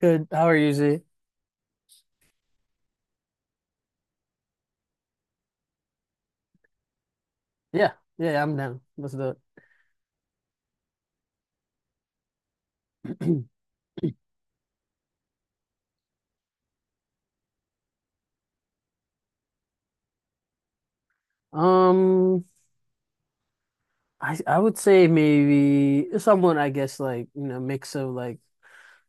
Good. How are you, Z? Yeah, yeah, I'm down. Let's do it. Um, I would say maybe someone I guess like you know mix of like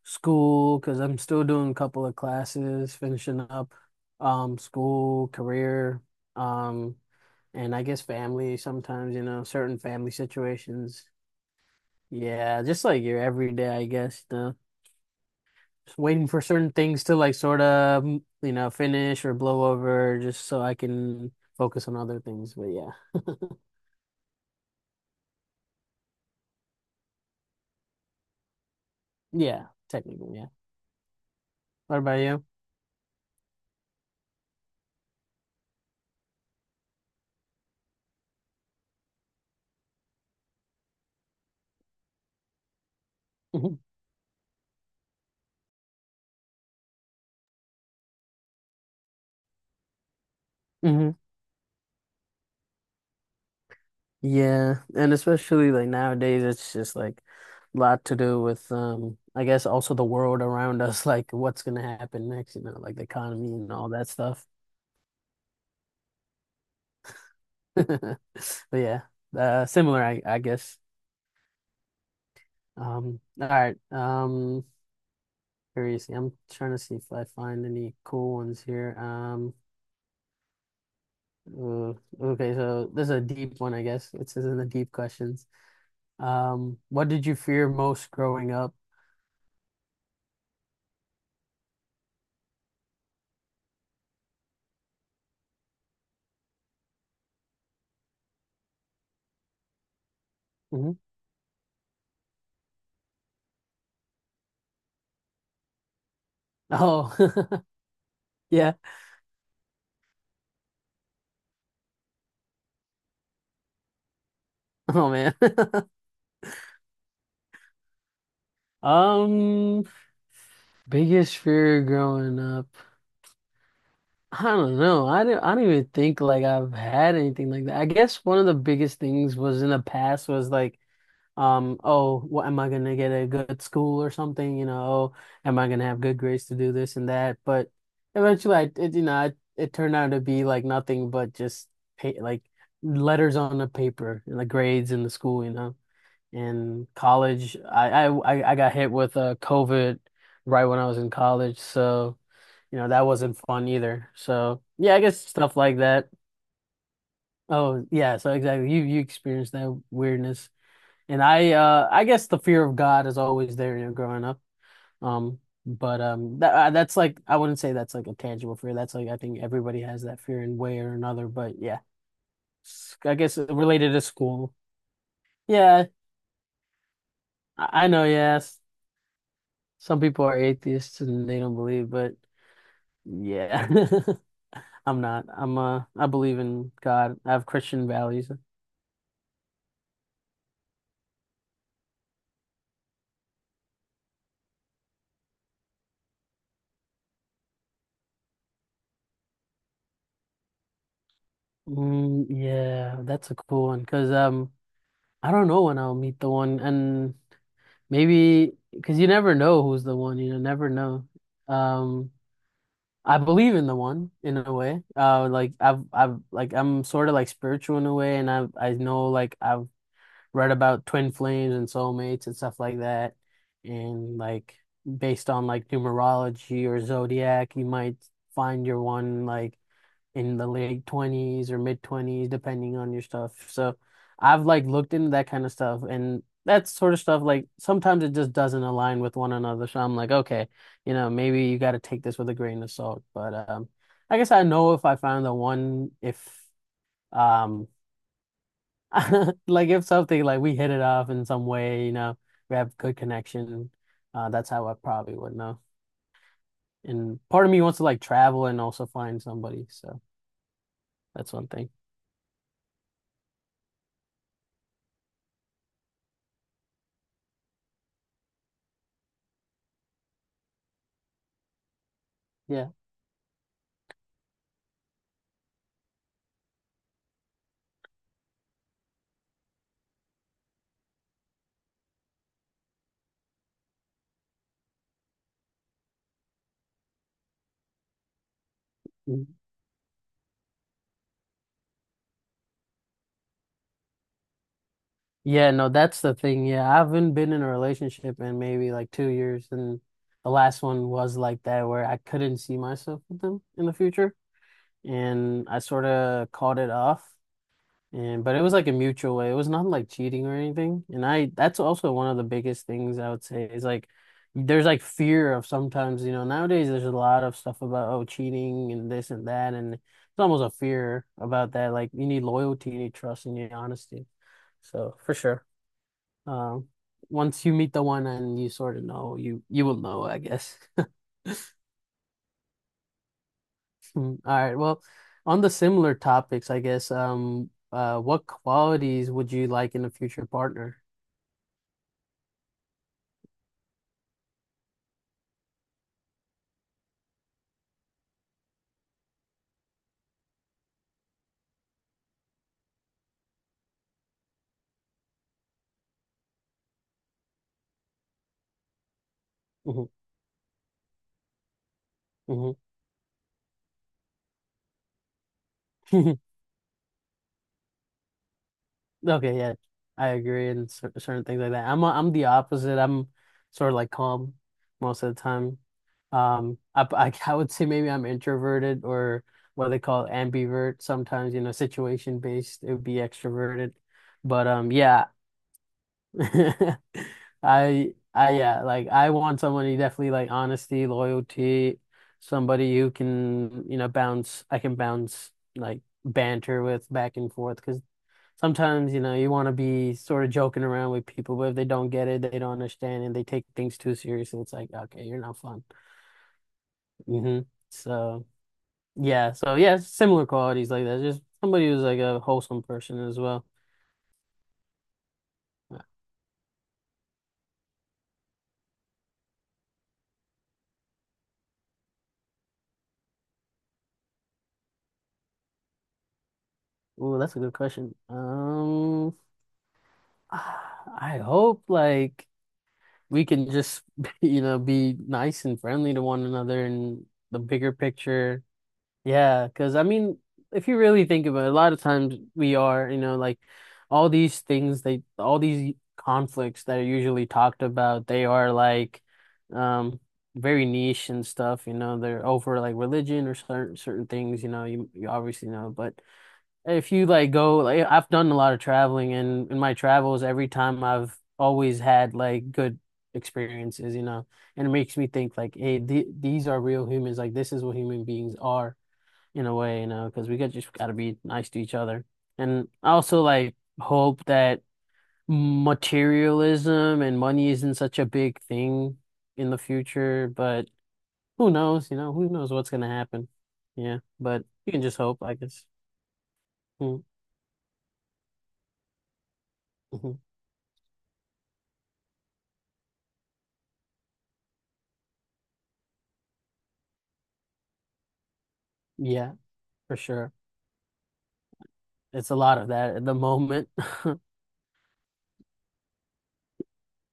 school because I'm still doing a couple of classes, finishing up, school, career, um, and I guess family sometimes you know certain family situations. Yeah, just like your everyday, I guess. Waiting for certain things to like sort of, you know, finish or blow over just so I can focus on other things. But yeah. Yeah, technically, yeah. What about you? Mhm. Hmm. Yeah, and especially like nowadays, it's just like a lot to do with I guess also the world around us, like what's gonna happen next, you know, like the economy and all that stuff. But yeah, similar, I guess. All right. Seriously, I'm trying to see if I find any cool ones here. Uh, okay, so this is a deep one, I guess. It says in the deep questions. What did you fear most growing up? Hmm. Oh, yeah. Oh man. Um, biggest fear growing up. I don't know. I don't even think like I've had anything like that. I guess one of the biggest things was in the past was like oh, what am I gonna get at a good school or something? You know, oh, am I gonna have good grades to do this and that? But eventually, you know, it turned out to be like nothing but just pay, like letters on the paper and the grades in the school, you know. In college, I got hit with COVID right when I was in college, so you know that wasn't fun either. So yeah, I guess stuff like that. Oh yeah, so exactly, you experienced that weirdness. And I guess the fear of God is always there, you know, growing up. Um, but that that's like I wouldn't say that's like a tangible fear. That's like I think everybody has that fear in way or another. But yeah, S- I guess related to school. Yeah, I know. Yes, some people are atheists and they don't believe, but yeah, I'm not. I'm. I believe in God. I have Christian values. Mm, yeah, that's a cool one because I don't know when I'll meet the one and. Maybe because you never know who's the one, you know, never know. Um, I believe in the one in a way. Like I've, like I'm sort of like spiritual in a way, and I've, I know like I've read about twin flames and soulmates and stuff like that, and like based on like numerology or zodiac, you might find your one like in the late 20s or mid 20s, depending on your stuff. So I've like looked into that kind of stuff and that sort of stuff, like sometimes it just doesn't align with one another. So I'm like, okay, you know, maybe you got to take this with a grain of salt. But I guess I know if I find the one, if um, like if something like we hit it off in some way, you know, we have good connection, that's how I probably would know. And part of me wants to like travel and also find somebody. So that's one thing. Yeah. Mm-hmm. Yeah, no, that's the thing. Yeah, I haven't been in a relationship in maybe like 2 years, and the last one was like that, where I couldn't see myself with them in the future, and I sort of called it off. And but it was like a mutual way. It was not like cheating or anything. And I, that's also one of the biggest things I would say is like, there's like fear of sometimes, you know, nowadays there's a lot of stuff about oh cheating and this and that, and it's almost a fear about that. Like you need loyalty, you need trust, and you need honesty. So for sure. Uh, once you meet the one and you sort of know, you will know, I guess. All right. Well, on the similar topics, I guess, what qualities would you like in a future partner? Hmm. Hmm. Okay, yeah, I agree in cer certain things like that. I'm the opposite. I'm sort of like calm most of the time. I I would say maybe I'm introverted or what they call ambivert. Sometimes, you know, situation based, it would be extroverted. But yeah, I yeah, like I want someone who definitely like honesty, loyalty, somebody who can, you know, bounce I can bounce like banter with back and forth because sometimes, you know, you want to be sort of joking around with people, but if they don't get it, they don't understand and they take things too seriously, it's like, okay, you're not fun. Hmm. So yeah, so yeah, similar qualities like that. Just somebody who's like a wholesome person as well. Ooh, that's a good question. I hope like we can just you know be nice and friendly to one another in the bigger picture. Yeah, because I mean, if you really think about it, a lot of times we are, you know, like all these things they all these conflicts that are usually talked about, they are like um very niche and stuff, you know, they're over like religion or certain things, you know, you obviously know, but if you like go, like I've done a lot of traveling, and in my travels, every time I've always had like good experiences, you know, and it makes me think like, hey, th these are real humans. Like this is what human beings are in a way, you know, because we got just got to be nice to each other. And I also like hope that materialism and money isn't such a big thing in the future, but who knows, you know, who knows what's gonna happen? Yeah, but you can just hope, I guess. Mm, mhm. Yeah. For sure. It's a lot of that at the moment.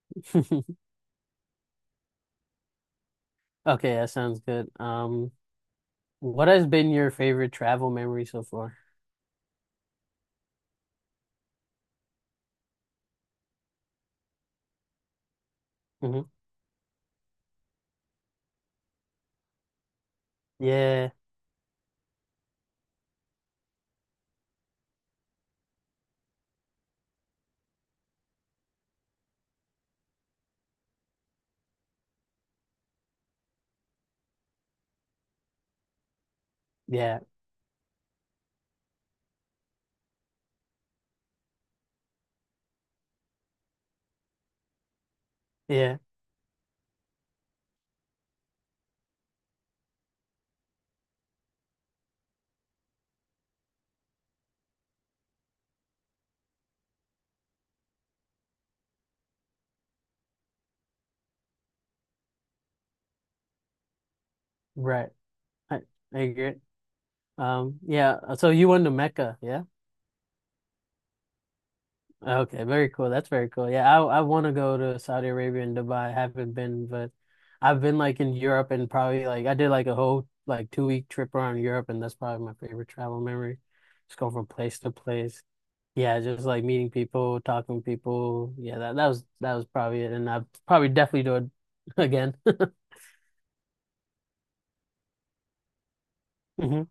Okay, that sounds good. What has been your favorite travel memory so far? Hmm. Yeah, yeah, yeah, right. I, I agree. Yeah, so you went to Mecca, yeah? Okay, very cool. That's very cool. Yeah, I want to go to Saudi Arabia and Dubai. I haven't been, but I've been like in Europe and probably like I did like a whole like 2 week trip around Europe and that's probably my favorite travel memory. Just go from place to place. Yeah, just like meeting people, talking to people. Yeah, that was probably it. And I probably definitely do it again. Hmm.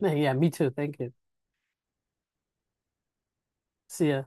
Yeah, me too. Thank you. See ya.